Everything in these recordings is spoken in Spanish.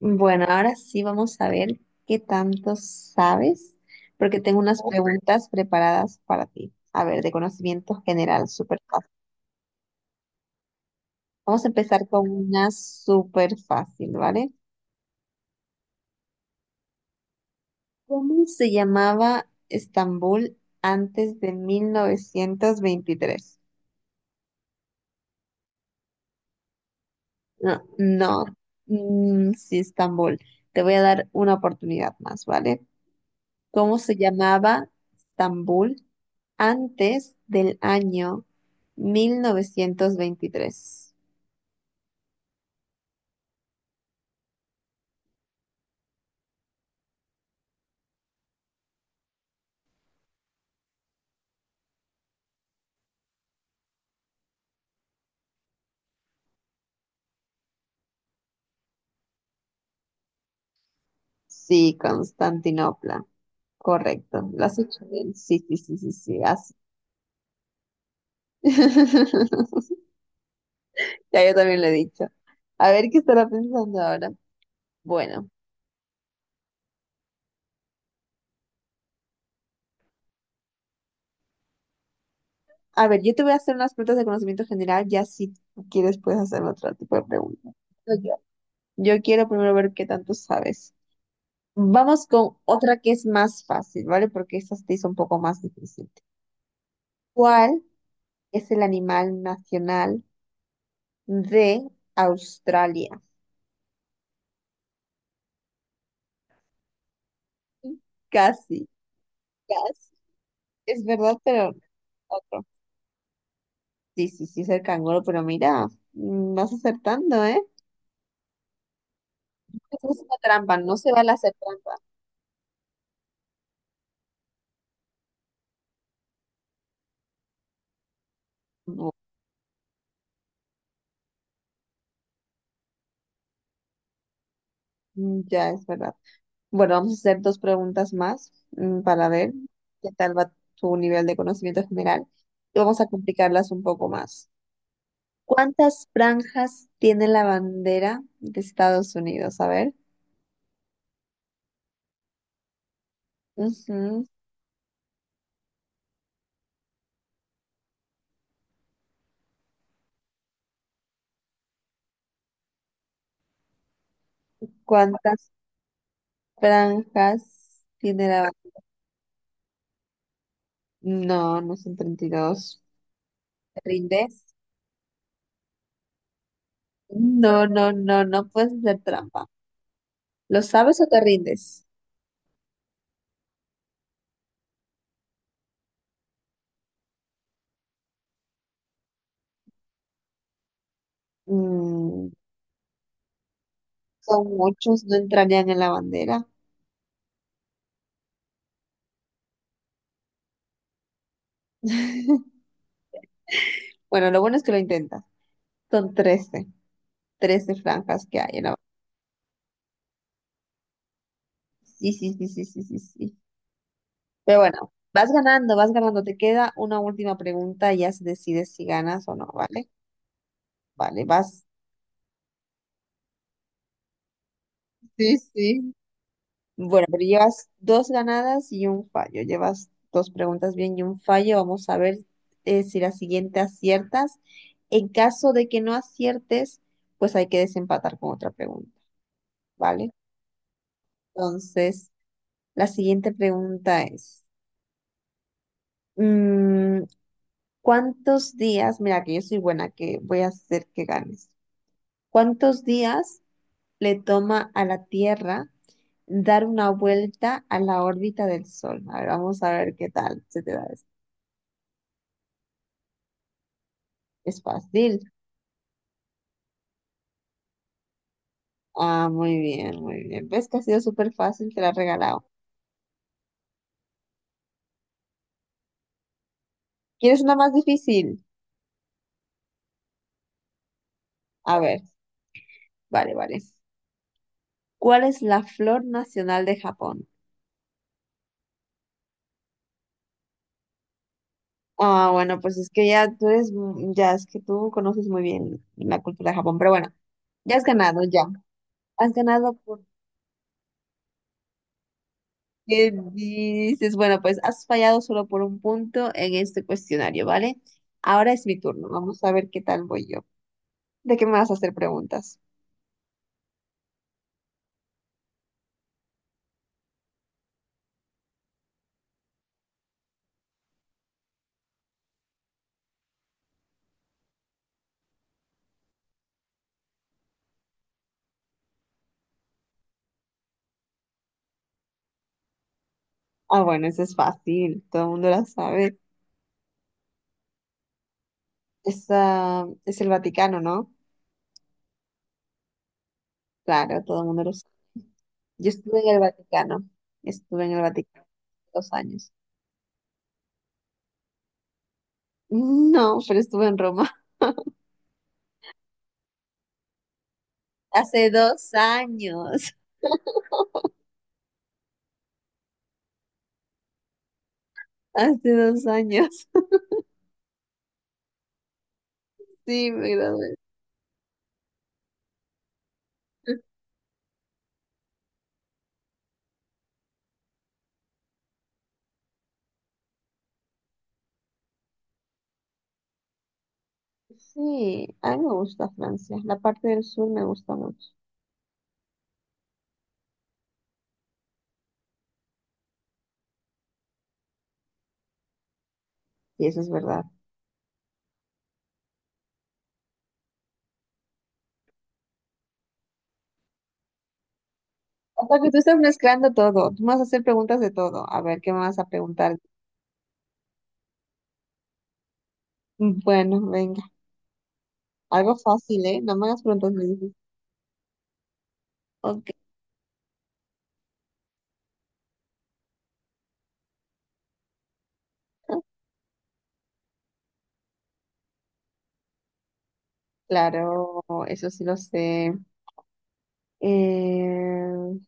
Bueno, ahora sí vamos a ver qué tanto sabes, porque tengo unas preguntas preparadas para ti. A ver, de conocimiento general, súper fácil. Vamos a empezar con una súper fácil, ¿vale? ¿Cómo se llamaba Estambul antes de 1923? No, no, sí, Estambul. Te voy a dar una oportunidad más, ¿vale? Cómo se llamaba Estambul antes del año 1923. Sí, Constantinopla. Correcto. Lo has hecho bien. Sí, sí, sí, sí, sí, así. Ya yo también lo he dicho. A ver qué estará pensando ahora. Bueno, a ver, yo te voy a hacer unas preguntas de conocimiento general, ya si tú quieres puedes hacerme otro tipo de preguntas. No, yo quiero primero ver qué tanto sabes. Vamos con otra que es más fácil, ¿vale? Porque esta se te hizo un poco más difícil. ¿Cuál es el animal nacional de Australia? Casi, casi. Es verdad, pero otro. Sí, sí, sí, es el canguro, pero mira, vas acertando, ¿eh? Eso es una trampa, no se vale hacer trampa. Bu- ya, es verdad. Bueno, vamos a hacer dos preguntas más, para ver qué tal va tu nivel de conocimiento general. Y vamos a complicarlas un poco más. ¿Cuántas franjas tiene la bandera de Estados Unidos? A ver. Ujú. ¿Cuántas franjas tiene la bandera? No, no son 32. ¿Te rindes? No, no, no, no puedes hacer trampa. ¿Lo sabes o te rindes? Mm, son muchos, no entrarían en la bandera. Bueno, lo bueno es que lo intentas. Son trece, trece franjas que hay en la bandera. Sí, sí, sí, sí, sí, sí, sí. Pero bueno, vas ganando, vas ganando. Te queda una última pregunta y ya se decide si ganas o no, ¿vale? Vale, vas. Sí, sí. Bueno, pero llevas dos ganadas y un fallo. Llevas dos preguntas bien y un fallo. Vamos a ver si la siguiente aciertas. En caso de que no aciertes, pues hay que desempatar con otra pregunta, ¿vale? Entonces, la siguiente pregunta es, mm, ¿cuántos días? Mira, que yo soy buena, que voy a hacer que ganes. ¿Cuántos días le toma a la Tierra dar una vuelta a la órbita del Sol? A ver, vamos a ver qué tal se te da esto. Es fácil. Ah, muy bien, muy bien. ¿Ves que ha sido súper fácil? Te la he regalado. ¿Quieres una más difícil? A ver, vale, vale. ¿Cuál es la flor nacional de Japón? Ah, bueno, pues es que ya tú eres, ya es que tú conoces muy bien la cultura de Japón, pero bueno, ya has ganado, ya. Has ganado. ¿Qué dices? Bueno, pues has fallado solo por un punto en este cuestionario, ¿vale? Ahora es mi turno. Vamos a ver qué tal voy yo. ¿De qué me vas a hacer preguntas? Ah, bueno, eso es fácil. Todo el mundo la sabe. Es, ah, es el Vaticano, ¿no? Claro, todo el mundo lo sabe. Yo estuve en el Vaticano. Estuve en el Vaticano dos años. No, pero estuve en Roma. Hace dos años. Hace dos años. Sí, me gradué. Sí, a mí me gusta Francia. La parte del sur me gusta mucho. Y eso es verdad. O sea que tú, sí, estás mezclando todo. Tú me vas a hacer preguntas de todo. A ver, ¿qué me vas a preguntar? Bueno, venga. Algo fácil, ¿eh? No me hagas preguntas muy difíciles. Ok. Claro, eso sí lo sé. Eh,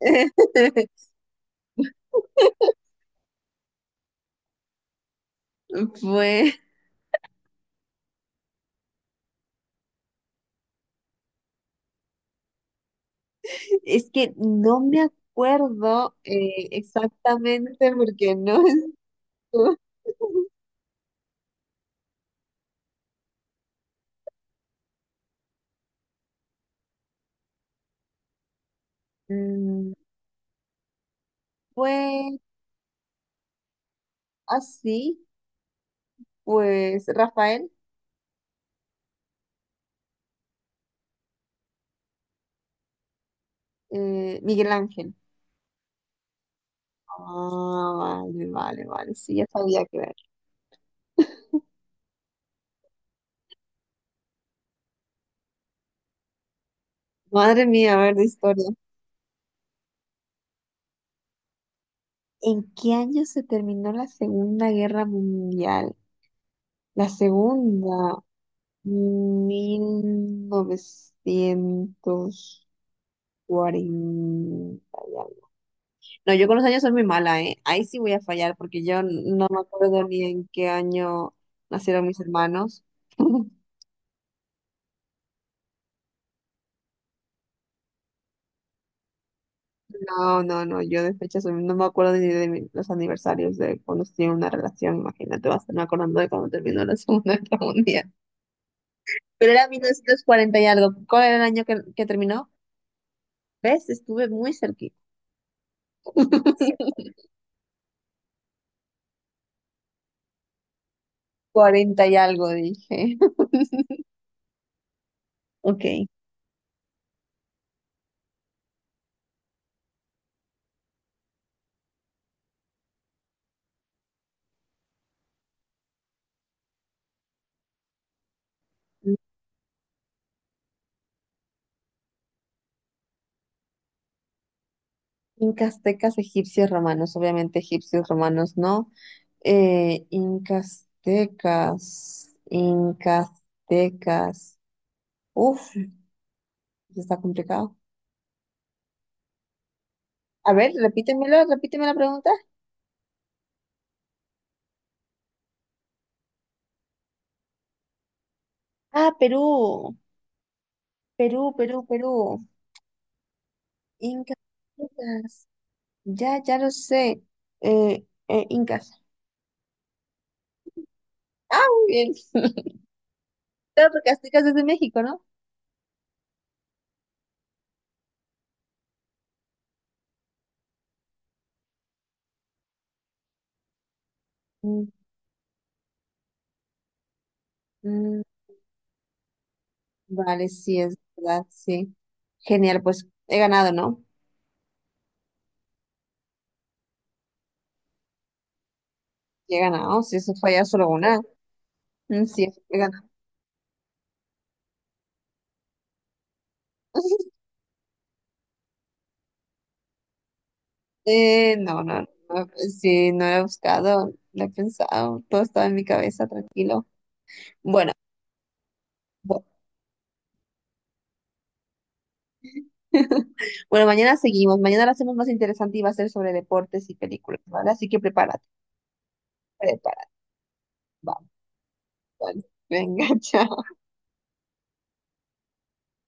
pues es que no me acuerdo, exactamente porque no estuve. Mm, fue así. Pues Rafael, Miguel Ángel. Ah, vale, vale, vale. Sí, ya sabía que ver. Madre mía, a ver de historia. ¿En qué año se terminó la Segunda Guerra Mundial? La segunda, mil novecientos cuarenta y algo. No, yo con los años soy muy mala, ¿eh? Ahí sí voy a fallar porque yo no me acuerdo ni en qué año nacieron mis hermanos. No, no, no, yo de fechas, no me acuerdo ni de los aniversarios de cuando estuve en una relación, imagínate, vas a estarme acordando de cuando terminó la Segunda Guerra Mundial. Pero era 1940 y algo, ¿cuál era el año que terminó? ¿Ves? Estuve muy cerquita. 40 y algo, dije. Ok. Incas, tecas, egipcios, romanos. Obviamente egipcios, romanos no. Incas, tecas, incas, tecas. Uf, está complicado. A ver, repítemelo, repíteme la pregunta. Ah, Perú. Incas. Incas. Ya, ya lo sé. Incas. Muy bien. Claro, porque Aztecas es de México, ¿no? Mm, mm, vale, sí, es verdad, sí. Genial, pues he ganado, ¿no? Sí, he ganado, si eso falla solo una. Mm, sí, he ganado. No, no, no, sí, no lo he buscado, no he pensado, todo estaba en mi cabeza, tranquilo. Bueno, bueno. Bueno, mañana seguimos. Mañana la hacemos más interesante y va a ser sobre deportes y películas, ¿vale? Así que prepárate, prepárate. Vamos, vale. Venga, chao.